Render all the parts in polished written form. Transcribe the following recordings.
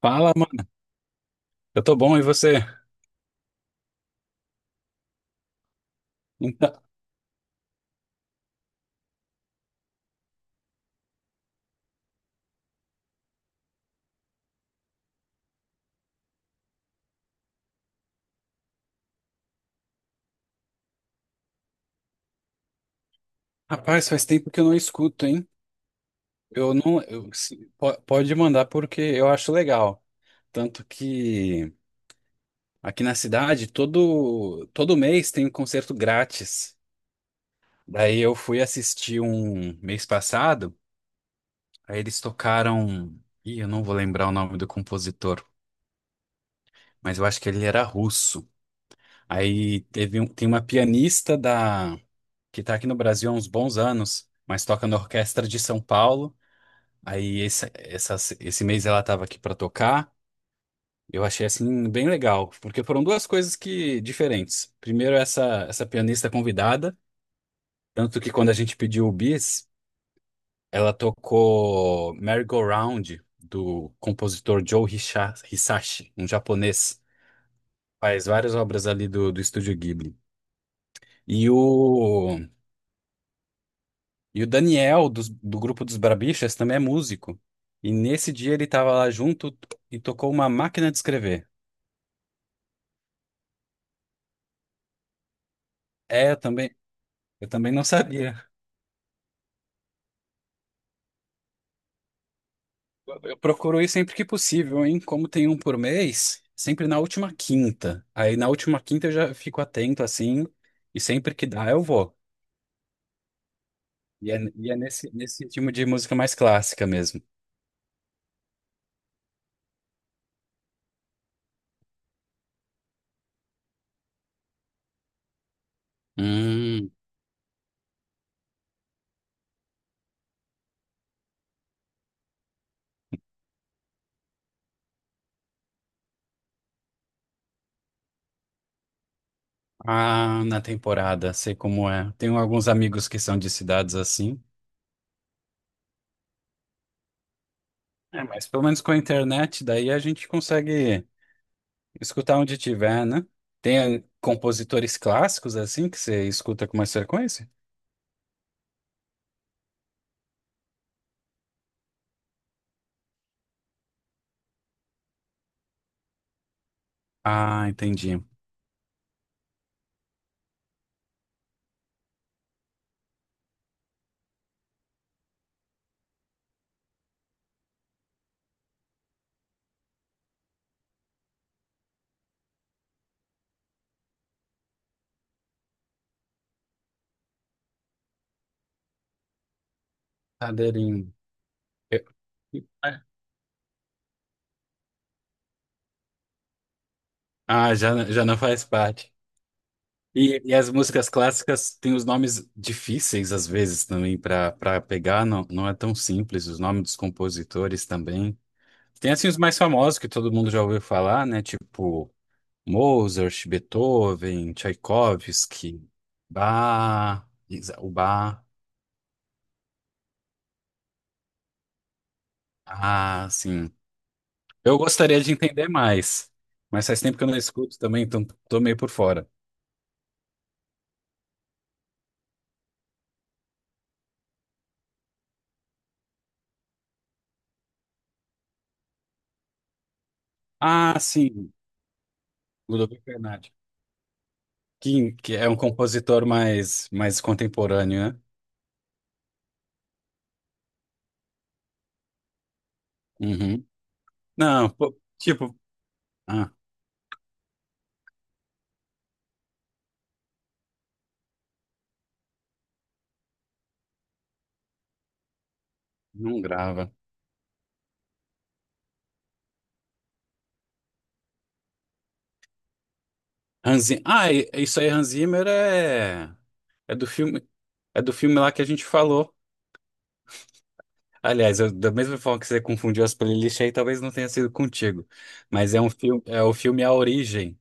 Fala, mano. Eu tô bom, e você? Então, rapaz, faz tempo que eu não escuto, hein? Eu não. Pode mandar porque eu acho legal. Tanto que aqui na cidade, todo mês tem um concerto grátis. Daí eu fui assistir um mês passado, aí eles tocaram. Ih, eu não vou lembrar o nome do compositor, mas eu acho que ele era russo. Tem uma pianista da, que tá aqui no Brasil há uns bons anos, mas toca na Orquestra de São Paulo. Aí esse, essa- Esse mês ela estava aqui para tocar. Eu achei assim bem legal, porque foram duas coisas que diferentes. Primeiro essa pianista convidada, tanto que quando a gente pediu o bis, ela tocou Merry-Go-Round do compositor Hisashi, um japonês, faz várias obras ali do estúdio Ghibli. E o e o Daniel do grupo dos Barbixas também é músico. E nesse dia ele estava lá junto e tocou uma máquina de escrever. É, eu também. Eu também não sabia. Eu procuro ir sempre que possível, hein? Como tem um por mês, sempre na última quinta. Aí na última quinta eu já fico atento assim, e sempre que dá eu vou. E é nesse, nesse tipo de música mais clássica mesmo. Hum, ah, na temporada, sei como é. Tenho alguns amigos que são de cidades assim. É, mas pelo menos com a internet, daí a gente consegue escutar onde tiver, né? Tem compositores clássicos assim que você escuta com mais frequência? Ah, entendi. Cadeirinho. Eu- Ah, já, já não faz parte. E as músicas clássicas têm os nomes difíceis, às vezes, também, para pegar. Não, não é tão simples. Os nomes dos compositores também. Tem, assim, os mais famosos que todo mundo já ouviu falar, né? Tipo Mozart, Beethoven, Tchaikovsky, Bach, o Bach. Ah, sim. Eu gostaria de entender mais, mas faz tempo que eu não escuto também, então tô meio por fora. Ah, sim, Ludovico Bernardi. Que é um compositor mais, mais contemporâneo, né? Uhum. Não, pô, tipo, ah, não grava. Hans Zimmer, ah, isso aí, Hans Zimmer é, é do filme, é do filme lá que a gente falou. Aliás, eu, da mesma forma que você confundiu as playlists aí, talvez não tenha sido contigo. Mas é um filme, é o filme A Origem.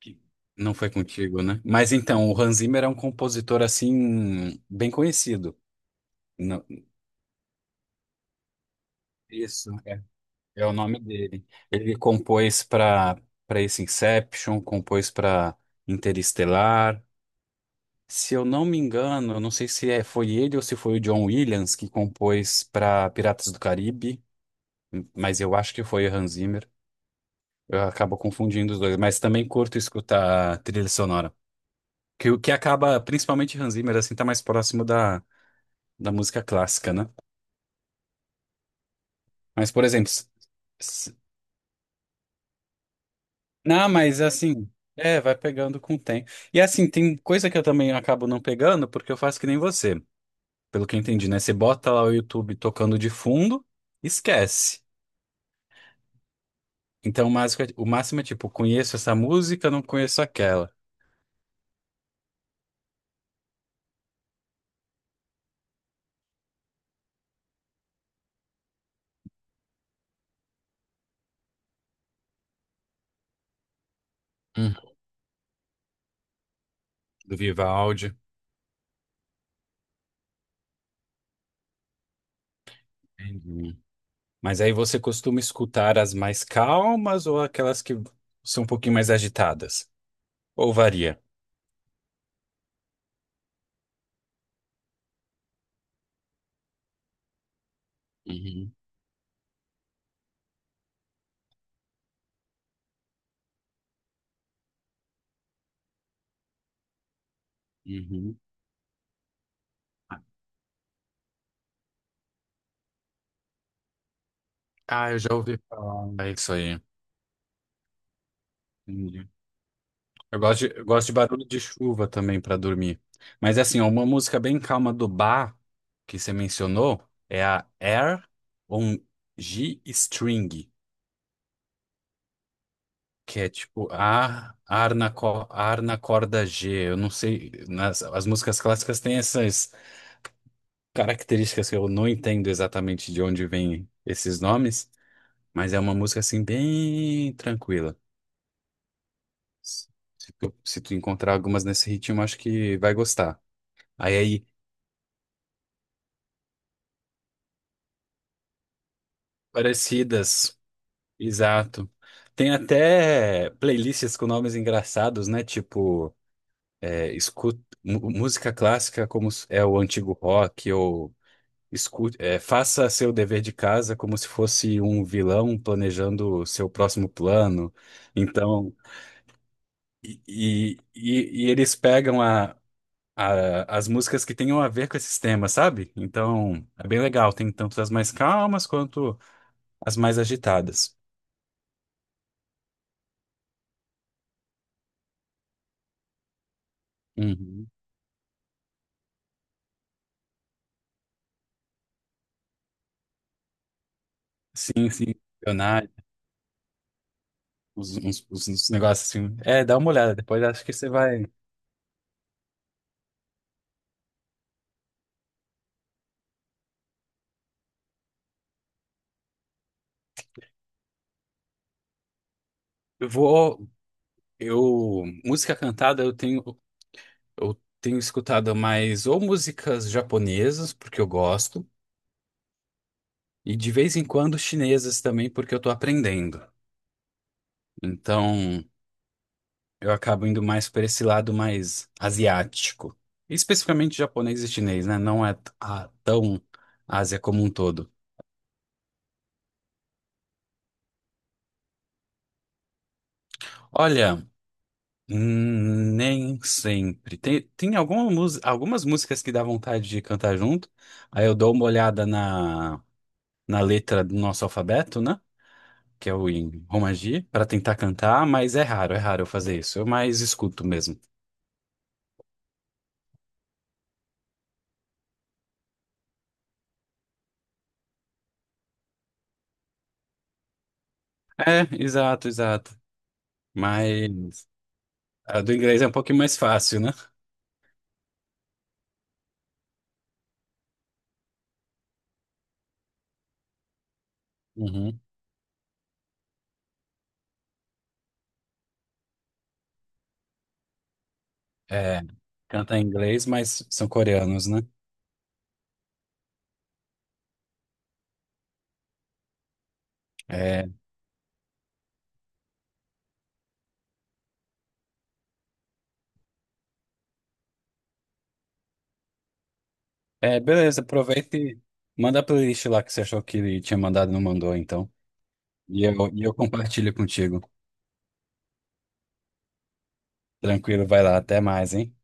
Que Não foi contigo, né? Mas então, o Hans Zimmer é um compositor assim bem conhecido. Não, isso. É o nome dele. Ele compôs para Para esse Inception, compôs para Interestelar. Se eu não me engano, eu não sei se é, foi ele ou se foi o John Williams que compôs para Piratas do Caribe, mas eu acho que foi o Hans Zimmer. Eu acabo confundindo os dois, mas também curto escutar trilha sonora. Que o que acaba, principalmente Hans Zimmer, assim, tá mais próximo da, da música clássica, né? Mas, por exemplo, Não, Mas assim, é, vai pegando com o tempo. E assim, tem coisa que eu também acabo não pegando, porque eu faço que nem você, pelo que eu entendi, né? Você bota lá o YouTube tocando de fundo, esquece. Então, o máximo é tipo, conheço essa música, não conheço aquela, Hum. Do Vivaldi. Entendi. Mas aí você costuma escutar as mais calmas ou aquelas que são um pouquinho mais agitadas? Ou varia? Uhum, uhum. Ah, eu já ouvi falar É isso aí. Entendi. Eu gosto de barulho de chuva também pra dormir. Mas assim, ó, uma música bem calma do Bach que você mencionou é a Air on G String, que é tipo A, ar na corda G. Eu não sei, nas, as músicas clássicas têm essas características que eu não entendo exatamente de onde vêm esses nomes, mas é uma música assim bem tranquila. Se tu encontrar algumas nesse ritmo, acho que vai gostar. Aí é Parecidas, exato. Tem até playlists com nomes engraçados, né? Tipo, é, escu- música clássica como é o antigo rock, ou escute, é, faça seu dever de casa como se fosse um vilão planejando o seu próximo plano. Então, e eles pegam as músicas que tenham a ver com esses temas, sabe? Então, é bem legal. Tem tanto as mais calmas quanto as mais agitadas. Uhum. Sim, sim, Leonardo, uns negócios assim. É, dá uma olhada, depois acho que você vai. Eu vou. Eu. Música cantada eu tenho. Eu tenho escutado mais ou músicas japonesas, porque eu gosto, e de vez em quando chinesas também, porque eu tô aprendendo. Então, eu acabo indo mais para esse lado mais asiático. Especificamente japonês e chinês, né? Não é tão Ásia como um todo. Olha. Nem sempre. Algumas músicas que dá vontade de cantar junto. Aí eu dou uma olhada na, na letra do nosso alfabeto, né? Que é o em Romaji, para tentar cantar, mas é raro eu fazer isso. Eu mais escuto mesmo. Exato. Mas a do inglês é um pouquinho mais fácil, né? Uhum. É, canta em inglês, mas são coreanos, né? É, é, beleza, aproveita e manda a playlist lá que você achou que tinha mandado e não mandou, então. E eu compartilho contigo. Tranquilo, vai lá. Até mais, hein?